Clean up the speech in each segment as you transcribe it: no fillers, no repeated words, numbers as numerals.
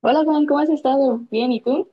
Hola Juan, ¿cómo has estado? Bien, ¿y tú?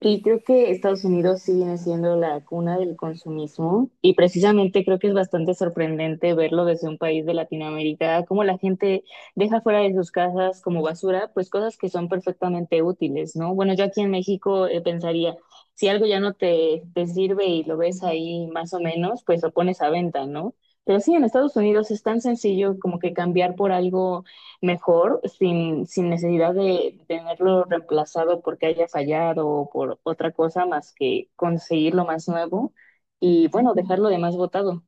Y creo que Estados Unidos sí viene siendo la cuna del consumismo y precisamente creo que es bastante sorprendente verlo desde un país de Latinoamérica, cómo la gente deja fuera de sus casas como basura, pues cosas que son perfectamente útiles, ¿no? Bueno, yo aquí en México pensaría, si algo ya no te sirve y lo ves ahí más o menos, pues lo pones a venta, ¿no? Pero sí, en Estados Unidos es tan sencillo como que cambiar por algo mejor sin necesidad de tenerlo reemplazado porque haya fallado o por otra cosa más que conseguir lo más nuevo y bueno, dejarlo de más votado.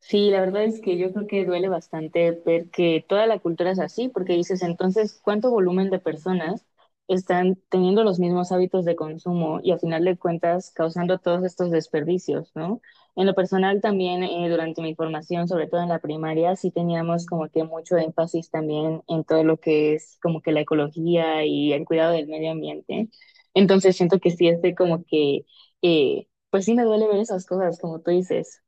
Sí, la verdad es que yo creo que duele bastante ver que toda la cultura es así, porque dices, entonces, ¿cuánto volumen de personas están teniendo los mismos hábitos de consumo y a final de cuentas causando todos estos desperdicios, ¿no? En lo personal también, durante mi formación, sobre todo en la primaria, sí teníamos como que mucho énfasis también en todo lo que es como que la ecología y el cuidado del medio ambiente. Entonces siento que sí es de como que, pues sí me duele ver esas cosas, como tú dices.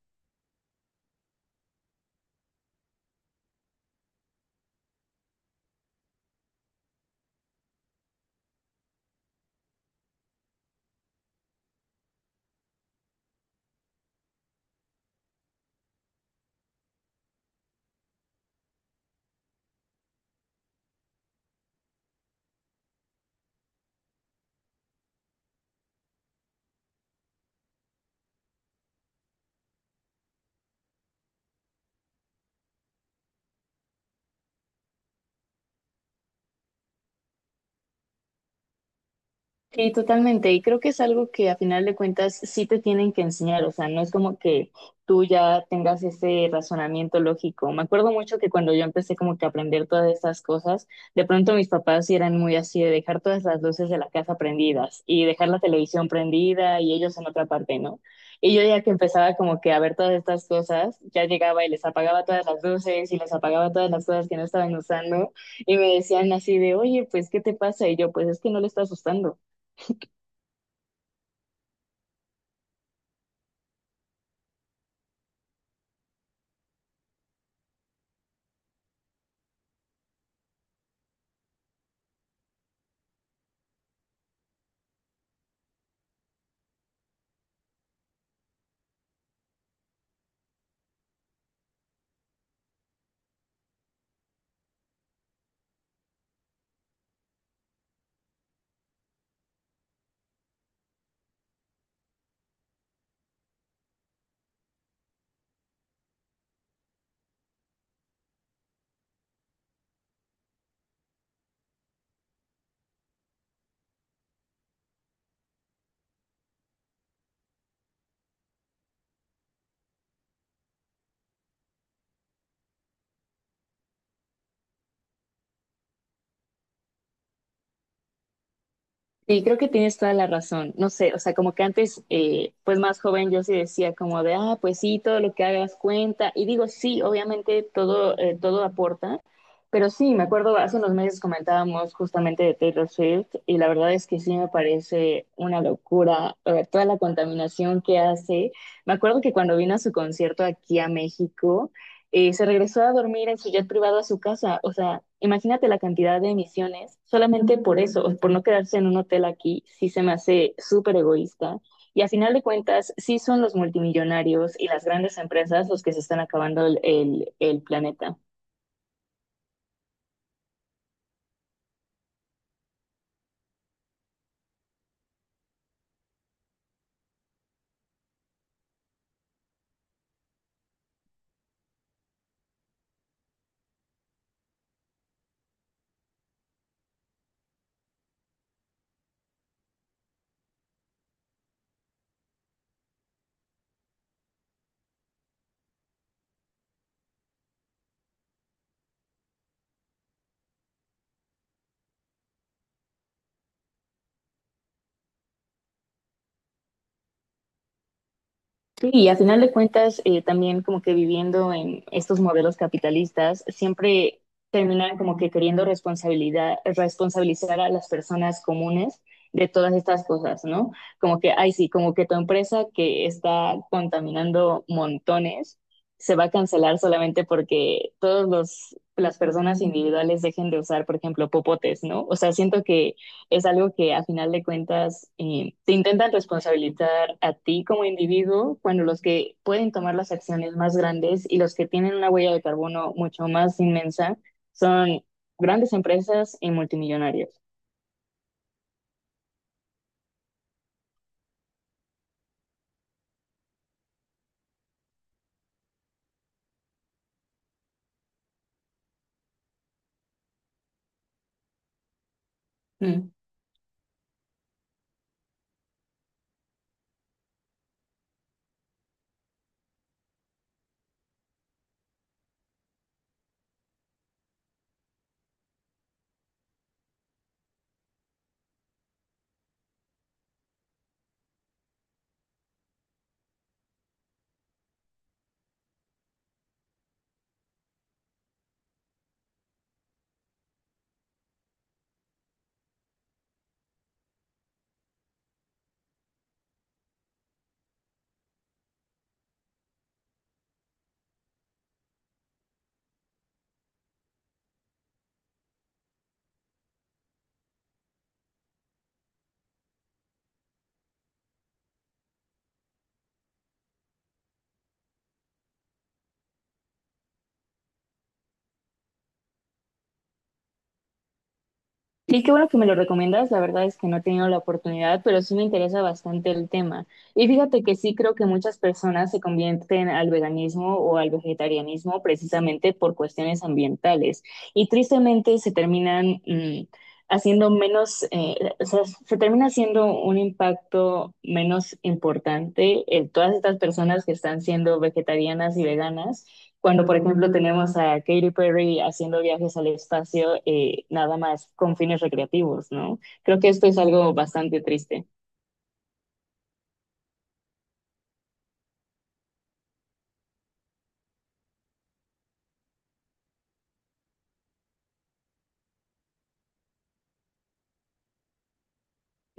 Sí, totalmente. Y creo que es algo que a final de cuentas sí te tienen que enseñar. O sea, no es como que tú ya tengas ese razonamiento lógico. Me acuerdo mucho que cuando yo empecé como que a aprender todas estas cosas, de pronto mis papás sí eran muy así de dejar todas las luces de la casa prendidas y dejar la televisión prendida y ellos en otra parte, ¿no? Y yo ya que empezaba como que a ver todas estas cosas, ya llegaba y les apagaba todas las luces y les apagaba todas las cosas que no estaban usando y me decían así de, oye, pues, ¿qué te pasa? Y yo, pues es que no le estás usando. Sí, creo que tienes toda la razón. No sé, o sea, como que antes, pues más joven, yo sí decía como de, ah, pues sí, todo lo que hagas cuenta. Y digo, sí, obviamente todo, todo aporta, pero sí, me acuerdo, hace unos meses comentábamos justamente de Taylor Swift y la verdad es que sí me parece una locura, toda la contaminación que hace. Me acuerdo que cuando vino a su concierto aquí a México, se regresó a dormir en su jet privado a su casa. O sea, imagínate la cantidad de emisiones solamente por eso, por no quedarse en un hotel aquí, sí se me hace súper egoísta. Y a final de cuentas, sí son los multimillonarios y las grandes empresas los que se están acabando el planeta. Sí, y a final de cuentas, también como que viviendo en estos modelos capitalistas, siempre terminan como que queriendo responsabilizar a las personas comunes de todas estas cosas, ¿no? Como que, ay, sí, como que tu empresa que está contaminando montones se va a cancelar solamente porque todos los las personas individuales dejen de usar, por ejemplo, popotes, ¿no? O sea, siento que es algo que a final de cuentas te intentan responsabilizar a ti como individuo cuando los que pueden tomar las acciones más grandes y los que tienen una huella de carbono mucho más inmensa son grandes empresas y multimillonarios. Mm. Sí, qué bueno que me lo recomiendas. La verdad es que no he tenido la oportunidad, pero sí me interesa bastante el tema. Y fíjate que sí creo que muchas personas se convierten al veganismo o al vegetarianismo precisamente por cuestiones ambientales. Y tristemente se terminan haciendo menos, o sea, se termina haciendo un impacto menos importante en todas estas personas que están siendo vegetarianas y veganas cuando, por ejemplo, tenemos a Katy Perry haciendo viajes al espacio nada más con fines recreativos, ¿no? Creo que esto es algo bastante triste.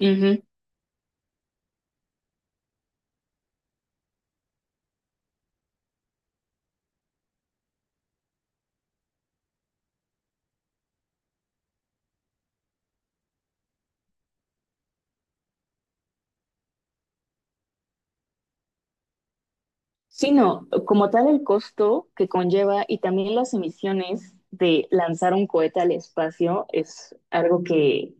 Ujú. Sino, como tal, el costo que conlleva y también las emisiones de lanzar un cohete al espacio es algo que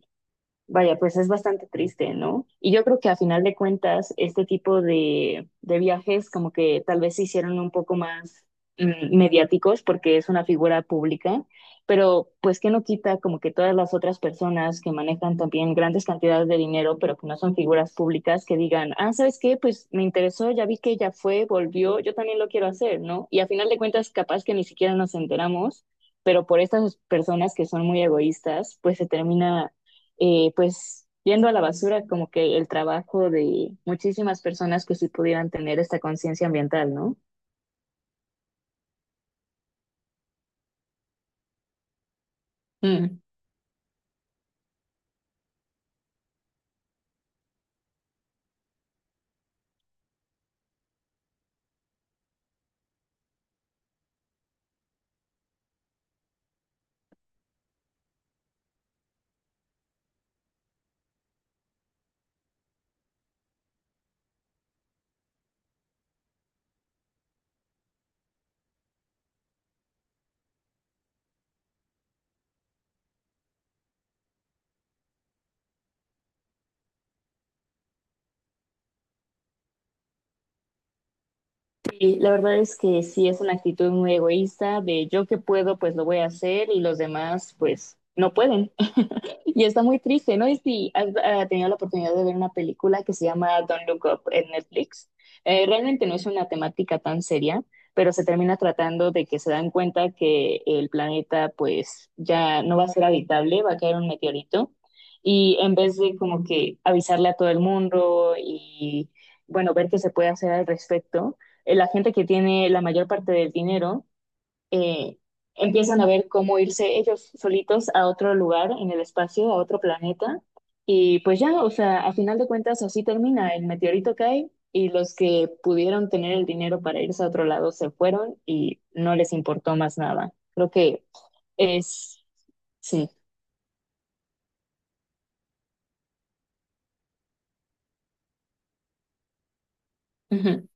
vaya, pues es bastante triste, ¿no? Y yo creo que a final de cuentas, este tipo de viajes como que tal vez se hicieron un poco más mediáticos porque es una figura pública, pero pues que no quita como que todas las otras personas que manejan también grandes cantidades de dinero, pero que no son figuras públicas, que digan, ah, ¿sabes qué? Pues me interesó, ya vi que ella fue, volvió, yo también lo quiero hacer, ¿no? Y a final de cuentas, capaz que ni siquiera nos enteramos pero por estas personas que son muy egoístas, pues se termina pues yendo a la basura como que el trabajo de muchísimas personas que sí pudieran tener esta conciencia ambiental, ¿no? Mm. Sí, la verdad es que sí es una actitud muy egoísta de yo que puedo, pues lo voy a hacer y los demás, pues no pueden. Y está muy triste, ¿no? Y si has tenido la oportunidad de ver una película que se llama Don't Look Up en Netflix, realmente no es una temática tan seria, pero se termina tratando de que se dan cuenta que el planeta pues ya no va a ser habitable, va a caer un meteorito y en vez de como que avisarle a todo el mundo y bueno, ver qué se puede hacer al respecto, la gente que tiene la mayor parte del dinero eh, empiezan a ver cómo irse ellos solitos a otro lugar en el espacio, a otro planeta. Y pues ya, o sea, a final de cuentas así termina, el meteorito cae y los que pudieron tener el dinero para irse a otro lado se fueron y no les importó más nada. Creo que es, sí. Ujú.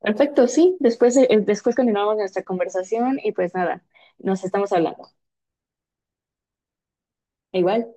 Perfecto, sí. Después, después continuamos nuestra conversación y pues nada, nos estamos hablando. Igual.